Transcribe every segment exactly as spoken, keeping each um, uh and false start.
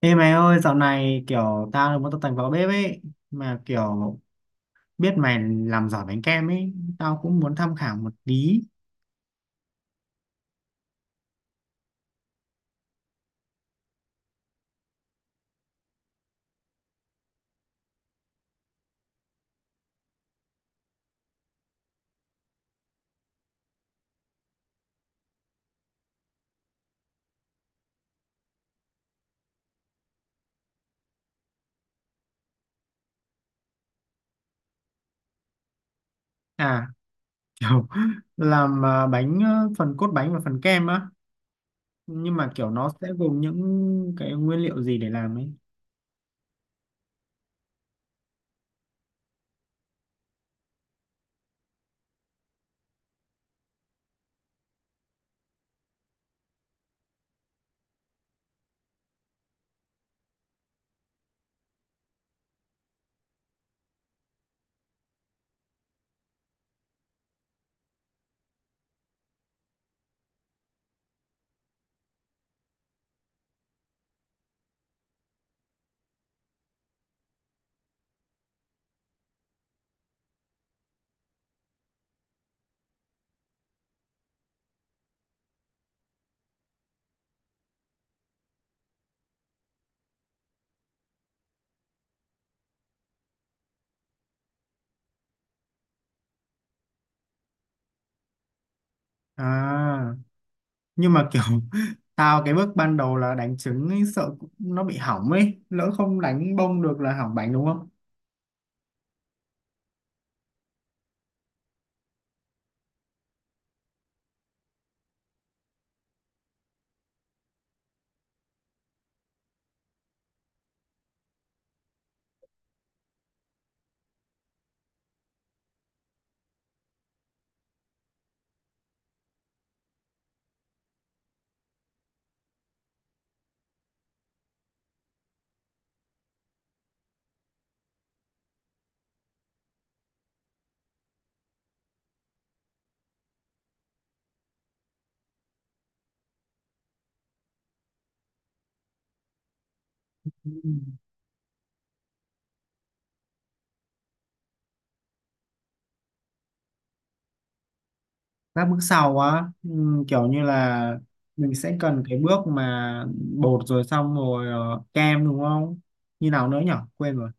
Ê mày ơi, dạo này kiểu tao muốn tập tành vào bếp ấy, mà kiểu biết mày làm giỏi bánh kem ấy, tao cũng muốn tham khảo một tí. À, kiểu làm à, bánh, à, phần cốt bánh và phần kem á, nhưng mà kiểu nó sẽ gồm những cái nguyên liệu gì để làm ấy. À, nhưng mà kiểu tao cái bước ban đầu là đánh trứng ấy, sợ nó bị hỏng ấy, lỡ không đánh bông được là hỏng bánh đúng không? Ừ. Các bước sau á, ừm, kiểu như là mình sẽ cần cái bước mà bột rồi, xong rồi ờ, kem đúng không, như nào nữa nhở, quên rồi.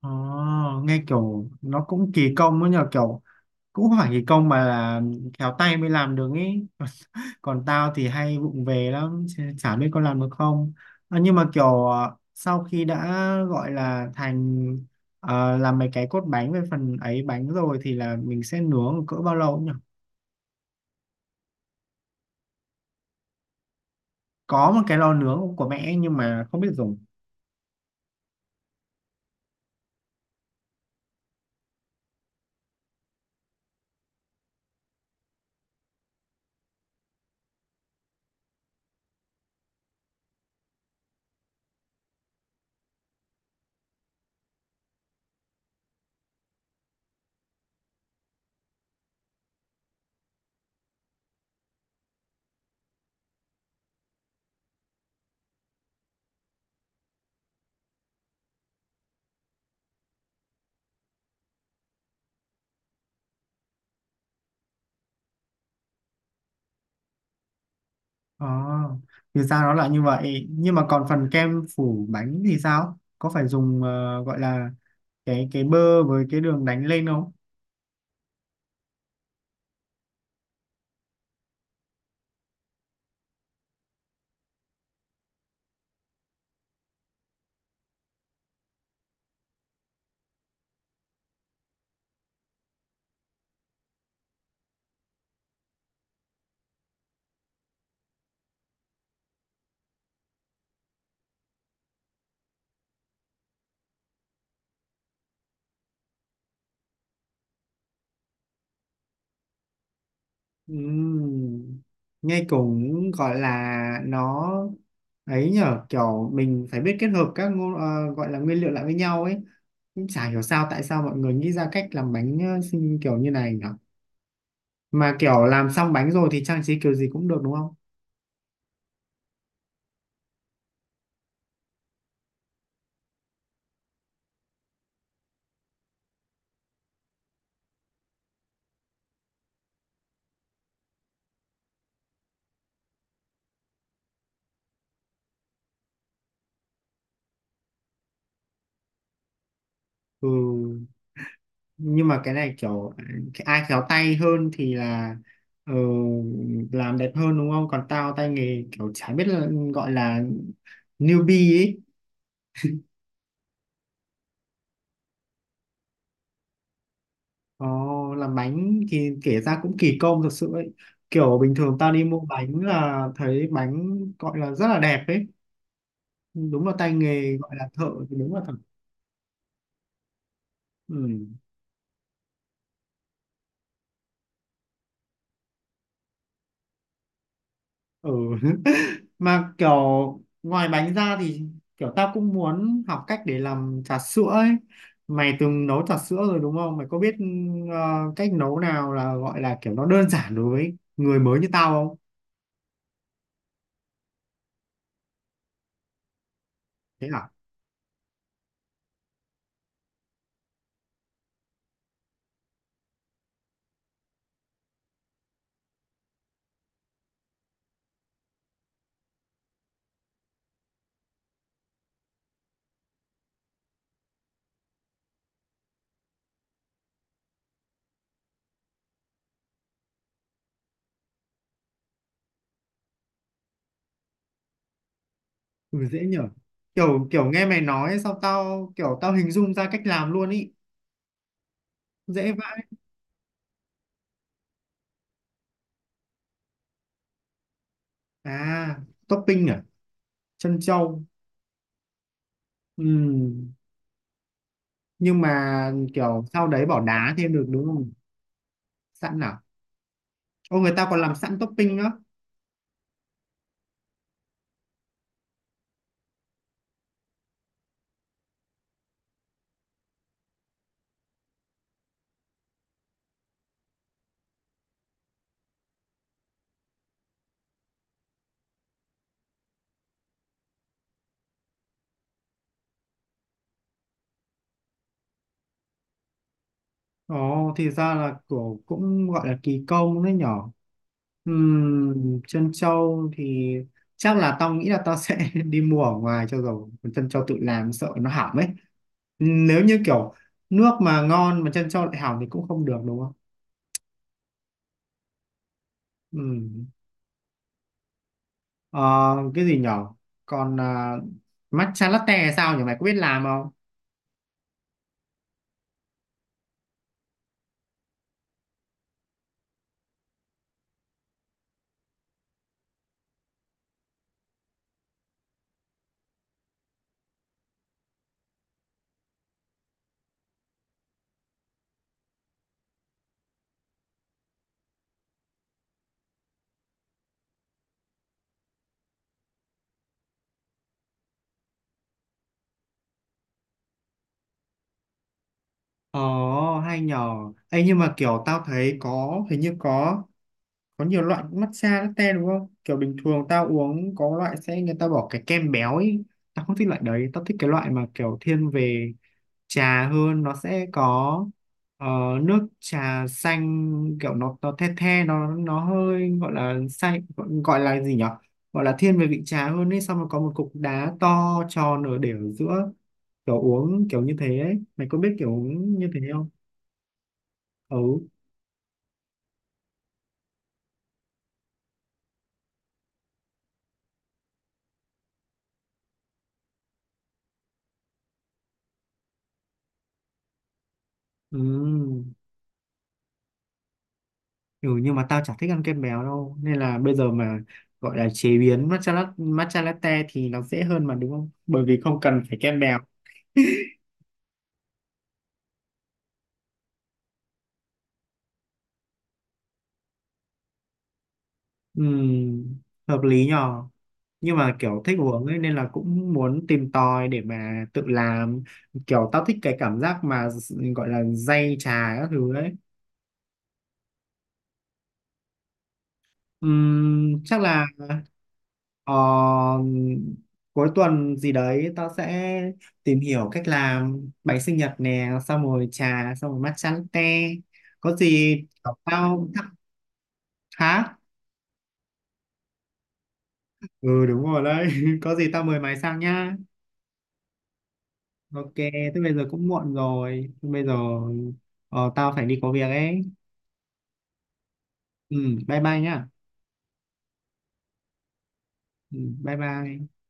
Ồ, nghe kiểu nó cũng kỳ công ấy nhờ, kiểu cũng không phải kỳ công mà là khéo tay mới làm được ý. Còn tao thì hay vụng về lắm, ch- chả biết có làm được không. À, nhưng mà kiểu ờ, sau khi đã gọi là thành ờ, làm mấy cái cốt bánh với phần ấy bánh rồi thì là mình sẽ nướng cỡ bao lâu nhỉ? Có một cái lò nướng của mẹ nhưng mà không biết dùng. Ờ, thì ra nó là như vậy, nhưng mà còn phần kem phủ bánh thì sao, có phải dùng ờ, gọi là cái cái bơ với cái đường đánh lên không? Ừm, nghe cũng gọi là nó ấy nhở, kiểu mình phải biết kết hợp các ngôn, ờ, gọi là nguyên liệu lại với nhau ấy, cũng chả hiểu sao tại sao mọi người nghĩ ra cách làm bánh ờ, xinh kiểu như này nhở, mà kiểu làm xong bánh rồi thì trang trí kiểu gì cũng được đúng không? Ừ. Nhưng mà cái này kiểu ai khéo tay hơn thì là ờ, làm đẹp hơn đúng không, còn tao tay nghề kiểu chả biết là gọi là newbie ấy. Ờ, làm bánh thì kể ra cũng kỳ công thực sự ấy, kiểu bình thường tao đi mua bánh là thấy bánh gọi là rất là đẹp ấy, đúng là tay nghề gọi là thợ, thì đúng là thật. Ừ. Ừ, mà kiểu ngoài bánh ra thì kiểu tao cũng muốn học cách để làm trà sữa ấy, mày từng nấu trà sữa rồi đúng không, mày có biết ờ, cách nấu nào là gọi là kiểu nó đơn giản đối với người mới như tao không? Thế à. Ừ, dễ nhở, kiểu kiểu nghe mày nói sao tao kiểu tao hình dung ra cách làm luôn ý. Dễ vãi. À, topping à, trân châu. Ừ. Nhưng mà kiểu sau đấy bỏ đá thêm được đúng không? Sẵn à. Ô, người ta còn làm sẵn topping á. Ồ, thì ra là kiểu cũng gọi là kỳ công đấy nhỏ. Ừm, chân trâu thì chắc là tao nghĩ là tao sẽ đi mua ở ngoài cho rồi. Còn chân trâu tự làm sợ nó hỏng ấy. Ừm, Nếu như kiểu nước mà ngon mà chân trâu lại hỏng thì cũng không được đúng không? Ừm. Ờ, cái gì nhỏ? Còn à, matcha latte hay sao nhỉ? Mày có biết làm không? Ồ, hay nhỏ. Ê, nhưng mà kiểu tao thấy có, hình như có có nhiều loại matcha latte đúng không, kiểu bình thường tao uống có loại sẽ người ta bỏ cái kem béo ấy, tao không thích loại đấy, tao thích cái loại mà kiểu thiên về trà hơn, nó sẽ có ờ, nước trà xanh, kiểu nó nó the the nó nó hơi gọi là xanh, gọi, gọi là gì nhở, gọi là thiên về vị trà hơn ấy, xong rồi có một cục đá to tròn ở để ở giữa, kiểu uống kiểu như thế ấy, mày có biết kiểu uống như thế không? Ừ. Ừ. Ừ, nhưng mà tao chả thích ăn kem béo đâu nên là bây giờ mà gọi là chế biến matcha latte, matcha latte thì nó dễ hơn mà đúng không, bởi vì không cần phải kem béo. Ừm, hợp lý nhờ, nhưng mà kiểu thích uống ấy nên là cũng muốn tìm tòi để mà tự làm, kiểu tao thích cái cảm giác mà gọi là day trà các thứ ấy. Ừm, chắc là. Ờ, cuối tuần gì đấy tao sẽ tìm hiểu cách làm bánh sinh nhật nè, xong rồi trà, xong rồi matcha latte. Có gì tao thắc. Hả? Ừ, đúng rồi đấy. Có gì tao mời mày sang nhá. Ok, thế bây giờ cũng muộn rồi. Thế bây giờ ờ, tao phải đi có việc ấy. Ừ, bye bye nhá. Ừ, bye bye.